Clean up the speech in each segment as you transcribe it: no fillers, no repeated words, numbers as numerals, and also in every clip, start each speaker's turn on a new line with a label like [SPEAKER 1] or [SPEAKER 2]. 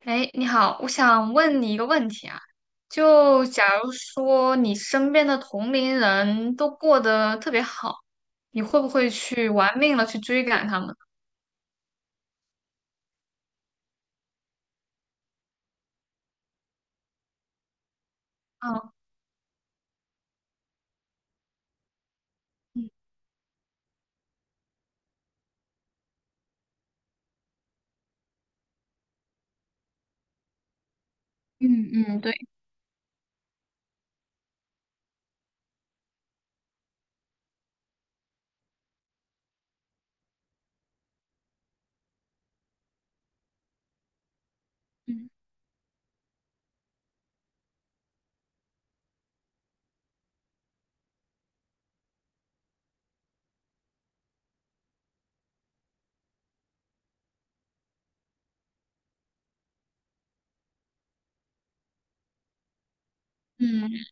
[SPEAKER 1] 哎，你好，我想问你一个问题啊，就假如说你身边的同龄人都过得特别好，你会不会去玩命了去追赶他们？嗯嗯对。嗯嗯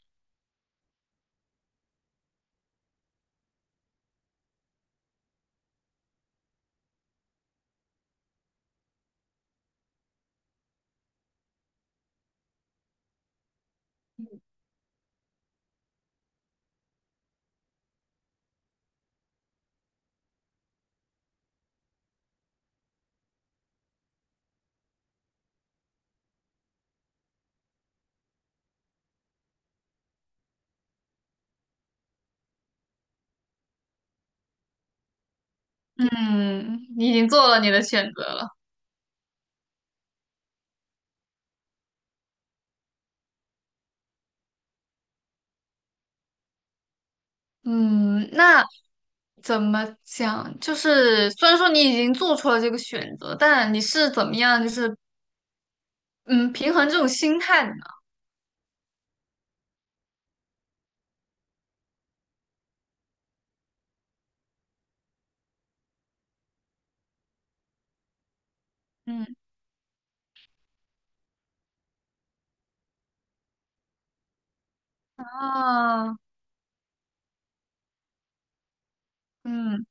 [SPEAKER 1] 嗯，你已经做了你的选择了。嗯，那怎么讲？就是虽然说你已经做出了这个选择，但你是怎么样，就是嗯，平衡这种心态的呢？嗯啊，嗯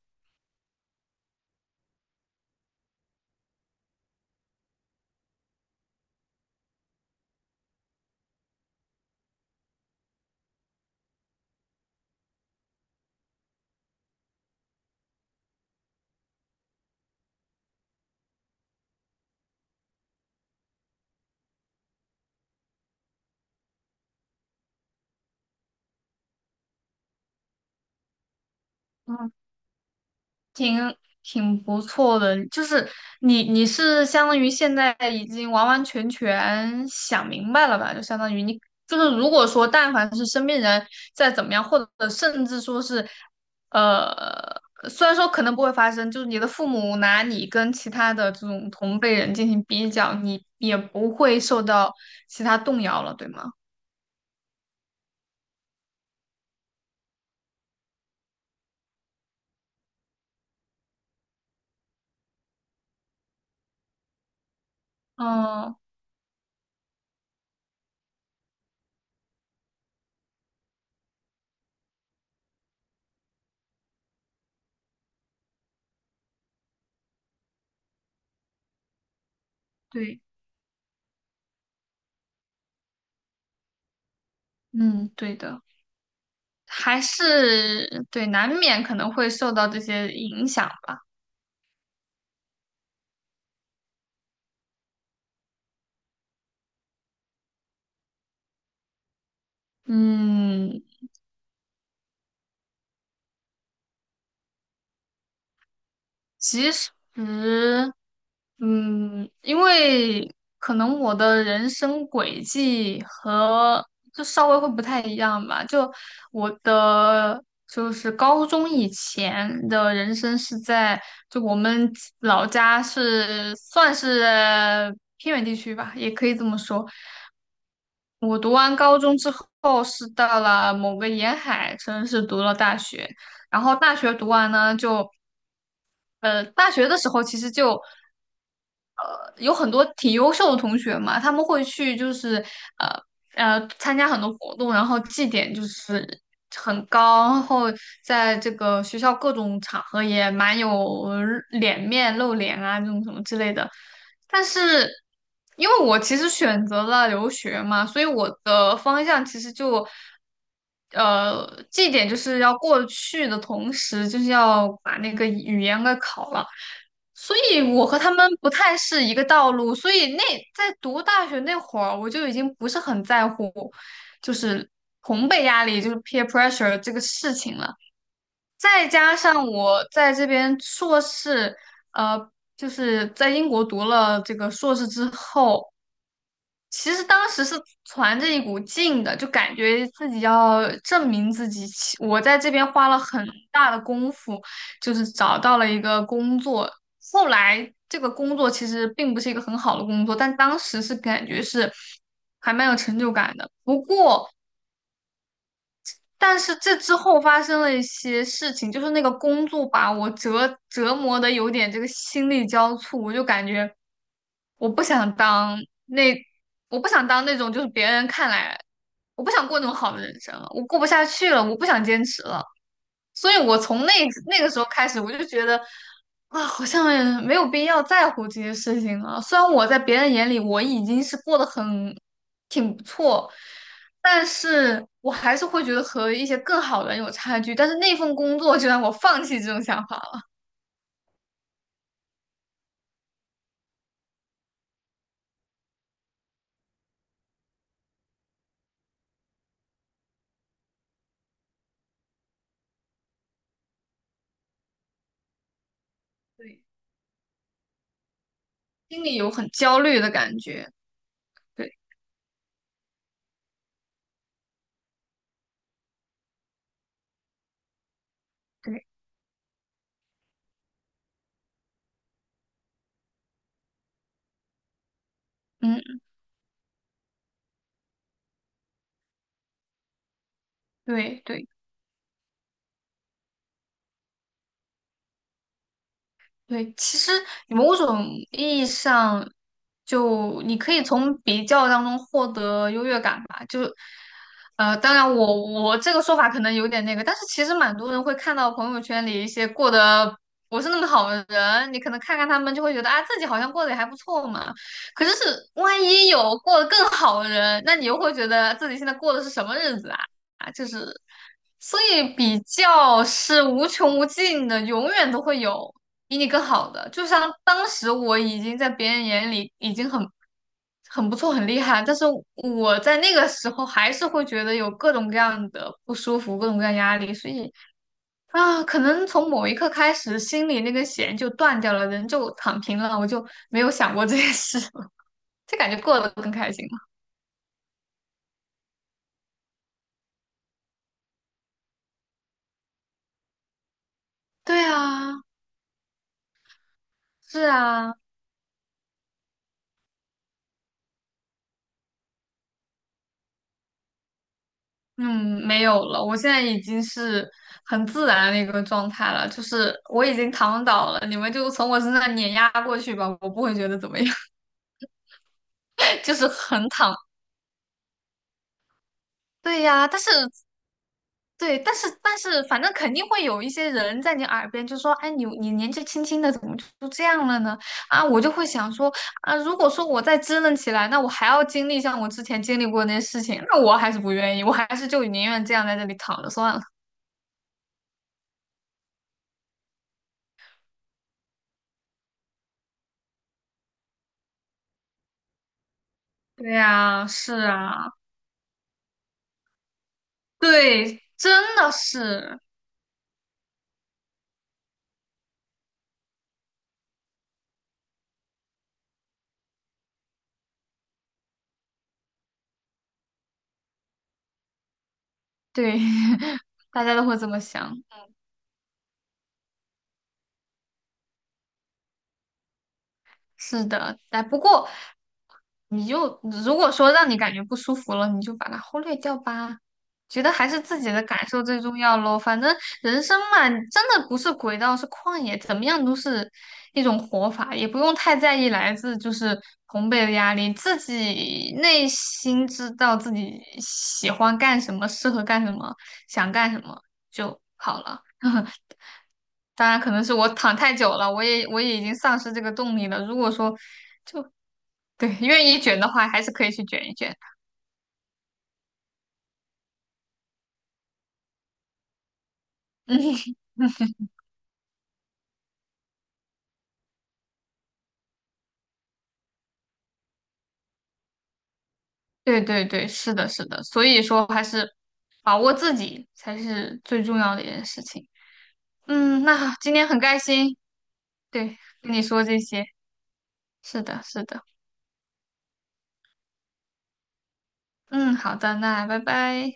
[SPEAKER 1] 嗯。挺不错的，就是你是相当于现在已经完完全全想明白了吧？就相当于你就是如果说但凡是身边人再怎么样，或者甚至说是，呃，虽然说可能不会发生，就是你的父母拿你跟其他的这种同辈人进行比较，你也不会受到其他动摇了，对吗？嗯，对。嗯，对的。还是对，难免可能会受到这些影响吧。嗯，其实，嗯，因为可能我的人生轨迹和就稍微会不太一样吧。就我的就是高中以前的人生是在就我们老家是算是偏远地区吧，也可以这么说。我读完高中之后是到了某个沿海城市读了大学，然后大学读完呢就。大学的时候其实就有很多挺优秀的同学嘛，他们会去就是呃参加很多活动，然后绩点就是很高，然后在这个学校各种场合也蛮有脸面露脸啊这种什么之类的。但是因为我其实选择了留学嘛，所以我的方向其实就绩点就是要过去的同时，就是要把那个语言给考了。所以我和他们不太是一个道路，所以那在读大学那会儿，我就已经不是很在乎，就是同辈压力，就是 peer pressure 这个事情了。再加上我在这边硕士，呃，就是在英国读了这个硕士之后，其实当时是攒着一股劲的，就感觉自己要证明自己。其我在这边花了很大的功夫，就是找到了一个工作。后来这个工作其实并不是一个很好的工作，但当时是感觉是还蛮有成就感的。不过但是这之后发生了一些事情，就是那个工作把我折磨的有点这个心力交瘁，我就感觉我不想当那，我不想当那种就是别人看来，我不想过那种好的人生了，我过不下去了，我不想坚持了。所以我从那个时候开始，我就觉得啊，好像也没有必要在乎这些事情了。虽然我在别人眼里我已经是过得很挺不错，但是我还是会觉得和一些更好的人有差距。但是那份工作就让我放弃这种想法了。对，心里有很焦虑的感觉。对对，嗯，对对。对，其实你某种意义上，就你可以从比较当中获得优越感吧。就，呃，当然我这个说法可能有点那个，但是其实蛮多人会看到朋友圈里一些过得不是那么好的人，你可能看看他们就会觉得啊，自己好像过得也还不错嘛。可是是万一有过得更好的人，那你又会觉得自己现在过的是什么日子啊？啊，就是所以比较是无穷无尽的，永远都会有比你更好的。就像当时我已经在别人眼里已经很不错、很厉害，但是我在那个时候还是会觉得有各种各样的不舒服、各种各样压力，所以啊，可能从某一刻开始，心里那根弦就断掉了，人就躺平了，我就没有想过这件事了，就感觉过得更开心了。对啊，是啊。嗯，没有了，我现在已经是很自然的一个状态了，就是我已经躺倒了，你们就从我身上碾压过去吧，我不会觉得怎么样，就是很躺。对呀，但是对，但是，反正肯定会有一些人在你耳边就说，哎，你年纪轻轻的，怎么就这样了呢？啊，我就会想说，啊，如果说我再支棱起来，那我还要经历像我之前经历过的那些事情，那我还是不愿意，我还是就宁愿这样在这里躺着算了。对呀，是啊。对，真的是。对，大家都会这么想。是的，哎，不过你就如果说让你感觉不舒服了，你就把它忽略掉吧。觉得还是自己的感受最重要咯。反正人生嘛，真的不是轨道，是旷野，怎么样都是一种活法，也不用太在意来自就是同辈的压力，自己内心知道自己喜欢干什么，适合干什么，想干什么就好了。当然可能是我躺太久了，我也已经丧失这个动力了。如果说对愿意卷的话，还是可以去卷一卷。嗯，对对对，是的，是的。所以说还是把握自己才是最重要的一件事情。嗯，那今天很开心，对，跟你说这些。是的，是的。嗯，好的，那拜拜。